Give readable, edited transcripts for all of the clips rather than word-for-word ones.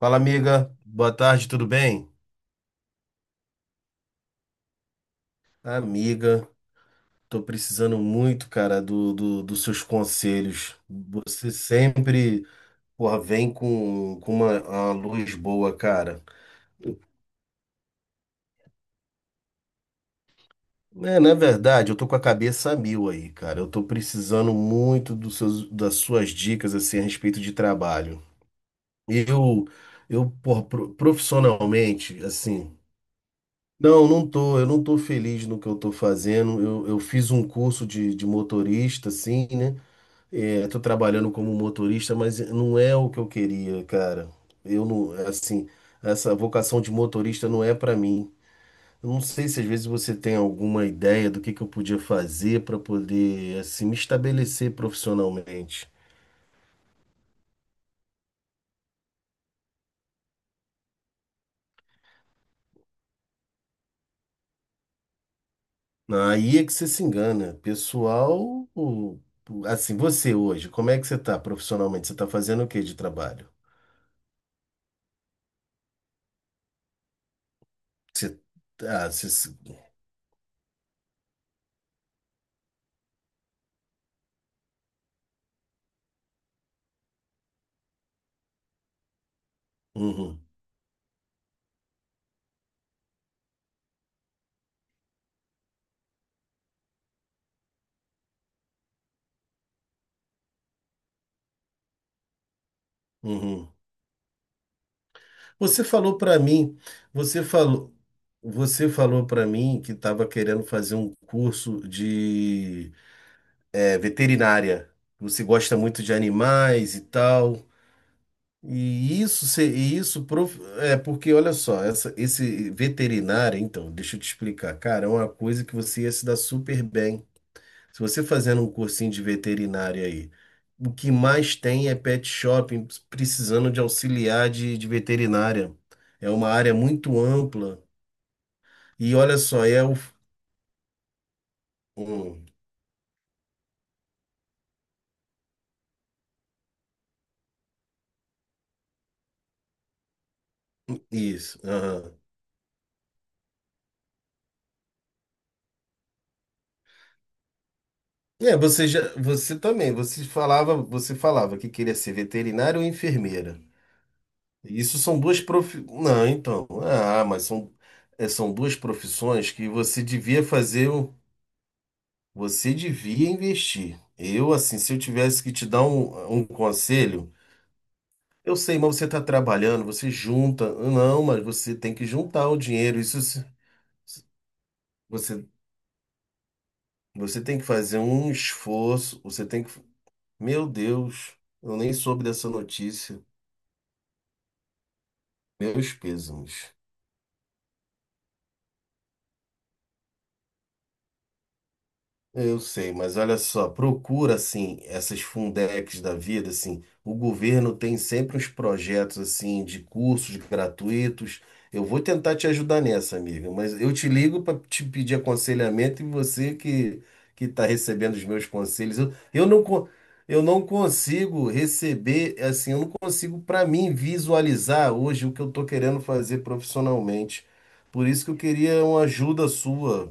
Fala, amiga. Boa tarde, tudo bem? Amiga, tô precisando muito, cara, dos seus conselhos. Você sempre, porra, vem com uma luz boa, cara. É, na verdade, eu tô com a cabeça a mil aí, cara. Eu tô precisando muito dos seus, das suas dicas, assim, a respeito de trabalho. Eu, eu, porra, profissionalmente, assim, não, não tô, eu não tô feliz no que eu tô fazendo. Eu fiz um curso de motorista, assim, né? É, tô trabalhando como motorista, mas não é o que eu queria, cara. Eu não, assim, essa vocação de motorista não é pra mim. Eu não sei se às vezes você tem alguma ideia do que eu podia fazer pra poder, assim, me estabelecer profissionalmente. Aí é que você se engana. Pessoal, assim, você hoje, como é que você tá profissionalmente? Você tá fazendo o que de trabalho? Você, ah, você, se- uhum, uhum. Você falou para mim, você falou, você falou para mim que estava querendo fazer um curso de veterinária. Você gosta muito de animais e tal. É porque, olha só, esse veterinário, então, deixa eu te explicar, cara, é uma coisa que você ia se dar super bem. Se você fazendo um cursinho de veterinária aí, o que mais tem é pet shopping precisando de auxiliar de veterinária. É uma área muito ampla. E olha só, é o. hum, isso. Aham. É, você já, você também, você falava que queria ser veterinário ou enfermeira. Não, então. Ah, mas são duas profissões que você devia fazer. Você devia investir. Eu, assim, se eu tivesse que te dar um conselho, eu sei, mas você está trabalhando, você junta. Não, mas você tem que juntar o dinheiro. Você, você tem que fazer um esforço. Você tem que. Meu Deus, eu nem soube dessa notícia. Meus pêsames. Eu sei, mas olha só, procura assim essas Fundecs da vida, assim, o governo tem sempre uns projetos assim de cursos gratuitos. Eu vou tentar te ajudar nessa, amiga, mas eu te ligo para te pedir aconselhamento e você que está recebendo os meus conselhos, eu não consigo receber, assim, eu não consigo para mim visualizar hoje o que eu estou querendo fazer profissionalmente. Por isso que eu queria uma ajuda sua.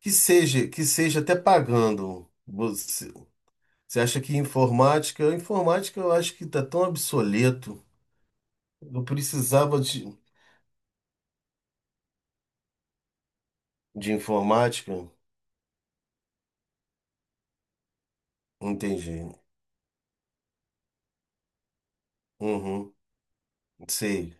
Que seja até pagando. Você acha que informática? Informática eu acho que está tão obsoleto. Eu precisava de informática. Entendi. Uhum, sei.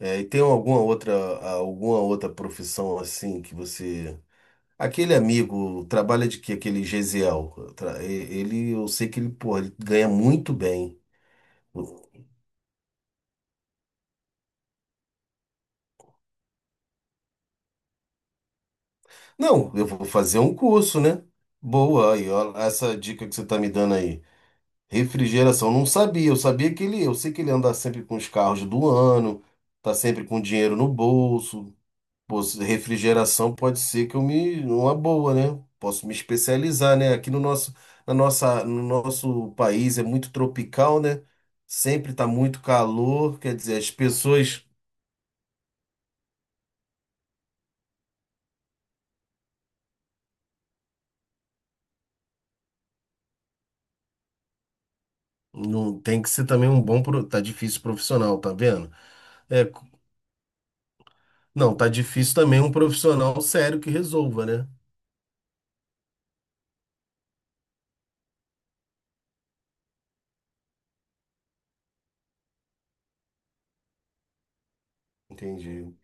É, e tem alguma outra profissão assim que você. Aquele amigo trabalha de quê? Aquele Gesiel. Ele, eu sei que ele, porra, ele ganha muito bem. Não, eu vou fazer um curso, né? Boa, aí, ó, essa dica que você está me dando aí. Refrigeração, não sabia. Eu sei que ele anda sempre com os carros do ano, tá sempre com dinheiro no bolso. Pô, refrigeração pode ser que eu me, uma boa, né? Posso me especializar, né? Aqui no nosso país é muito tropical, né? Sempre tá muito calor, quer dizer, as pessoas não tem que ser também um bom, tá difícil profissional, tá vendo? É, não, tá difícil também um profissional sério que resolva, né? Entendi,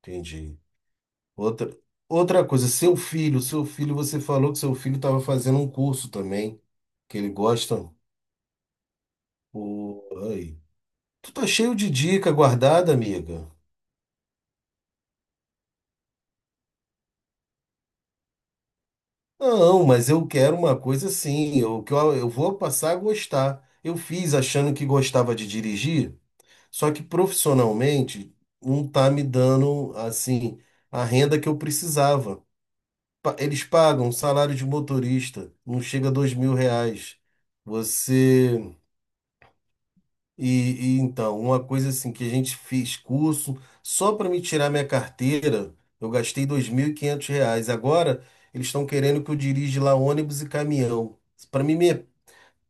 entendi. Outra, outra coisa, seu filho, você falou que seu filho estava fazendo um curso também, que ele gosta. Pô, aí. Tu tá cheio de dica guardada, amiga. Não, mas eu quero uma coisa assim, que eu vou passar a gostar. Eu fiz achando que gostava de dirigir, só que profissionalmente não tá me dando assim a renda que eu precisava. Eles pagam salário de motorista, não chega a R$ 2.000. Você então, uma coisa assim que a gente fez curso, só para me tirar minha carteira, eu gastei R$ 2.500. Agora eles estão querendo que eu dirija lá ônibus e caminhão. Para mim,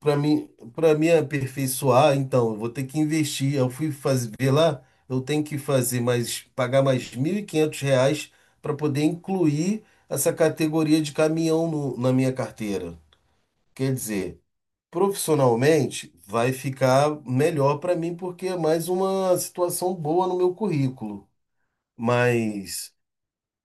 para mim, para me aperfeiçoar, então, eu vou ter que investir. Eu fui fazer ver lá, eu tenho que fazer mais, pagar mais R$ 1.500 para poder incluir essa categoria de caminhão na minha carteira. Quer dizer, profissionalmente, vai ficar melhor para mim porque é mais uma situação boa no meu currículo. Mas,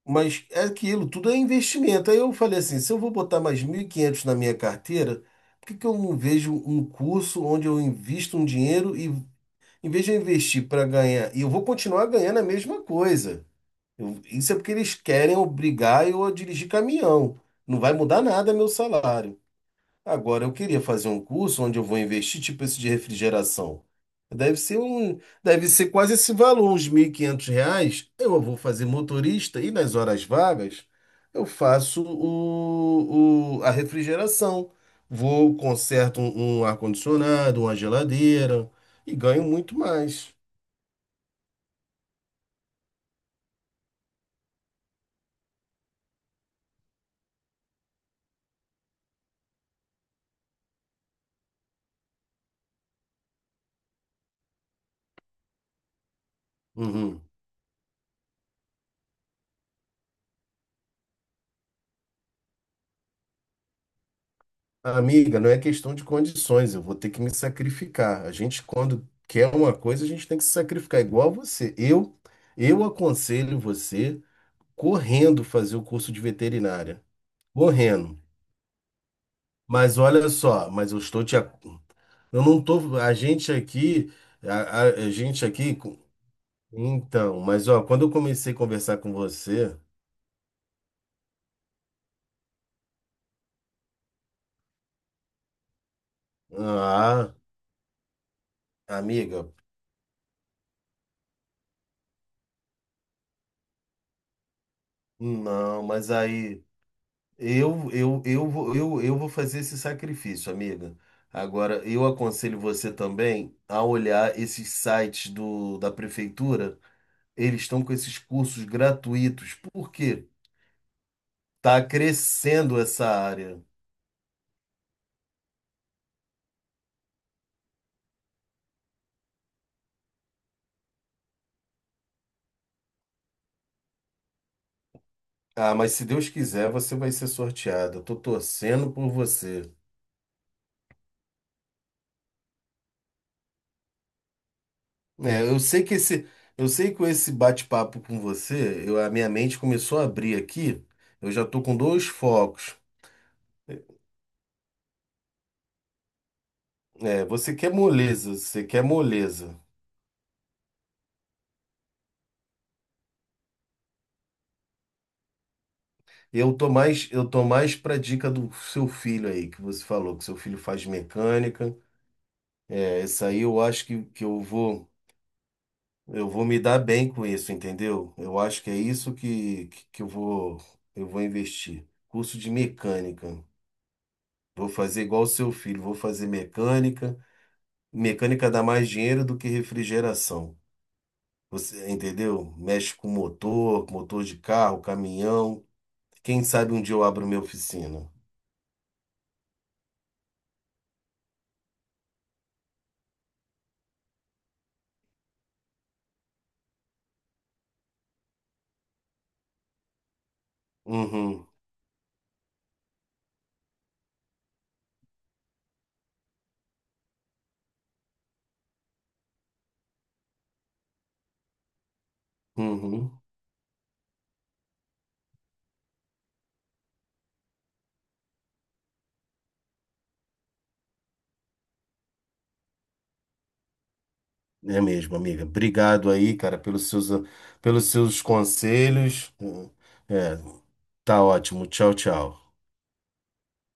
mas, é aquilo, tudo é investimento. Aí eu falei assim, se eu vou botar mais 1.500 na minha carteira, por que que eu não vejo um curso onde eu invisto um dinheiro e em vez de eu investir para ganhar, e eu vou continuar ganhando a mesma coisa. Isso é porque eles querem obrigar eu a dirigir caminhão. Não vai mudar nada meu salário. Agora, eu queria fazer um curso onde eu vou investir, tipo esse de refrigeração. Deve ser um, deve ser quase esse valor, uns R$ 1.500. Eu vou fazer motorista e nas horas vagas eu faço a refrigeração. Vou, conserto um ar-condicionado, uma geladeira e ganho muito mais. Uhum. Amiga, não é questão de condições, eu vou ter que me sacrificar. A gente, quando quer uma coisa, a gente tem que se sacrificar, igual você. Eu aconselho você correndo fazer o curso de veterinária. Correndo. Mas olha só. Mas eu estou te. Ac- Eu não tô. A gente aqui. A, a gente aqui. Então, mas ó, quando eu comecei a conversar com você. Ah, amiga, não, mas aí. Eu vou fazer esse sacrifício, amiga. Agora, eu aconselho você também a olhar esses sites da prefeitura. Eles estão com esses cursos gratuitos. Por quê? Tá crescendo essa área. Ah, mas se Deus quiser, você vai ser sorteada. Eu tô torcendo por você. É, eu sei que com esse bate-papo com você, a minha mente começou a abrir aqui. Eu já tô com dois focos. É, você quer moleza, você quer moleza. Eu tô mais pra dica do seu filho aí, que você falou, que seu filho faz mecânica. É, isso aí eu acho que eu vou me dar bem com isso, entendeu? Eu acho que é isso que eu vou investir. Curso de mecânica. Vou fazer igual o seu filho, vou fazer mecânica. Mecânica dá mais dinheiro do que refrigeração. Você entendeu? Mexe com motor, motor de carro, caminhão. Quem sabe um dia eu abro minha oficina. Uhum, uhum. É mesmo, amiga. Obrigado aí, cara, pelos seus conselhos. É, tá ótimo. Tchau, tchau.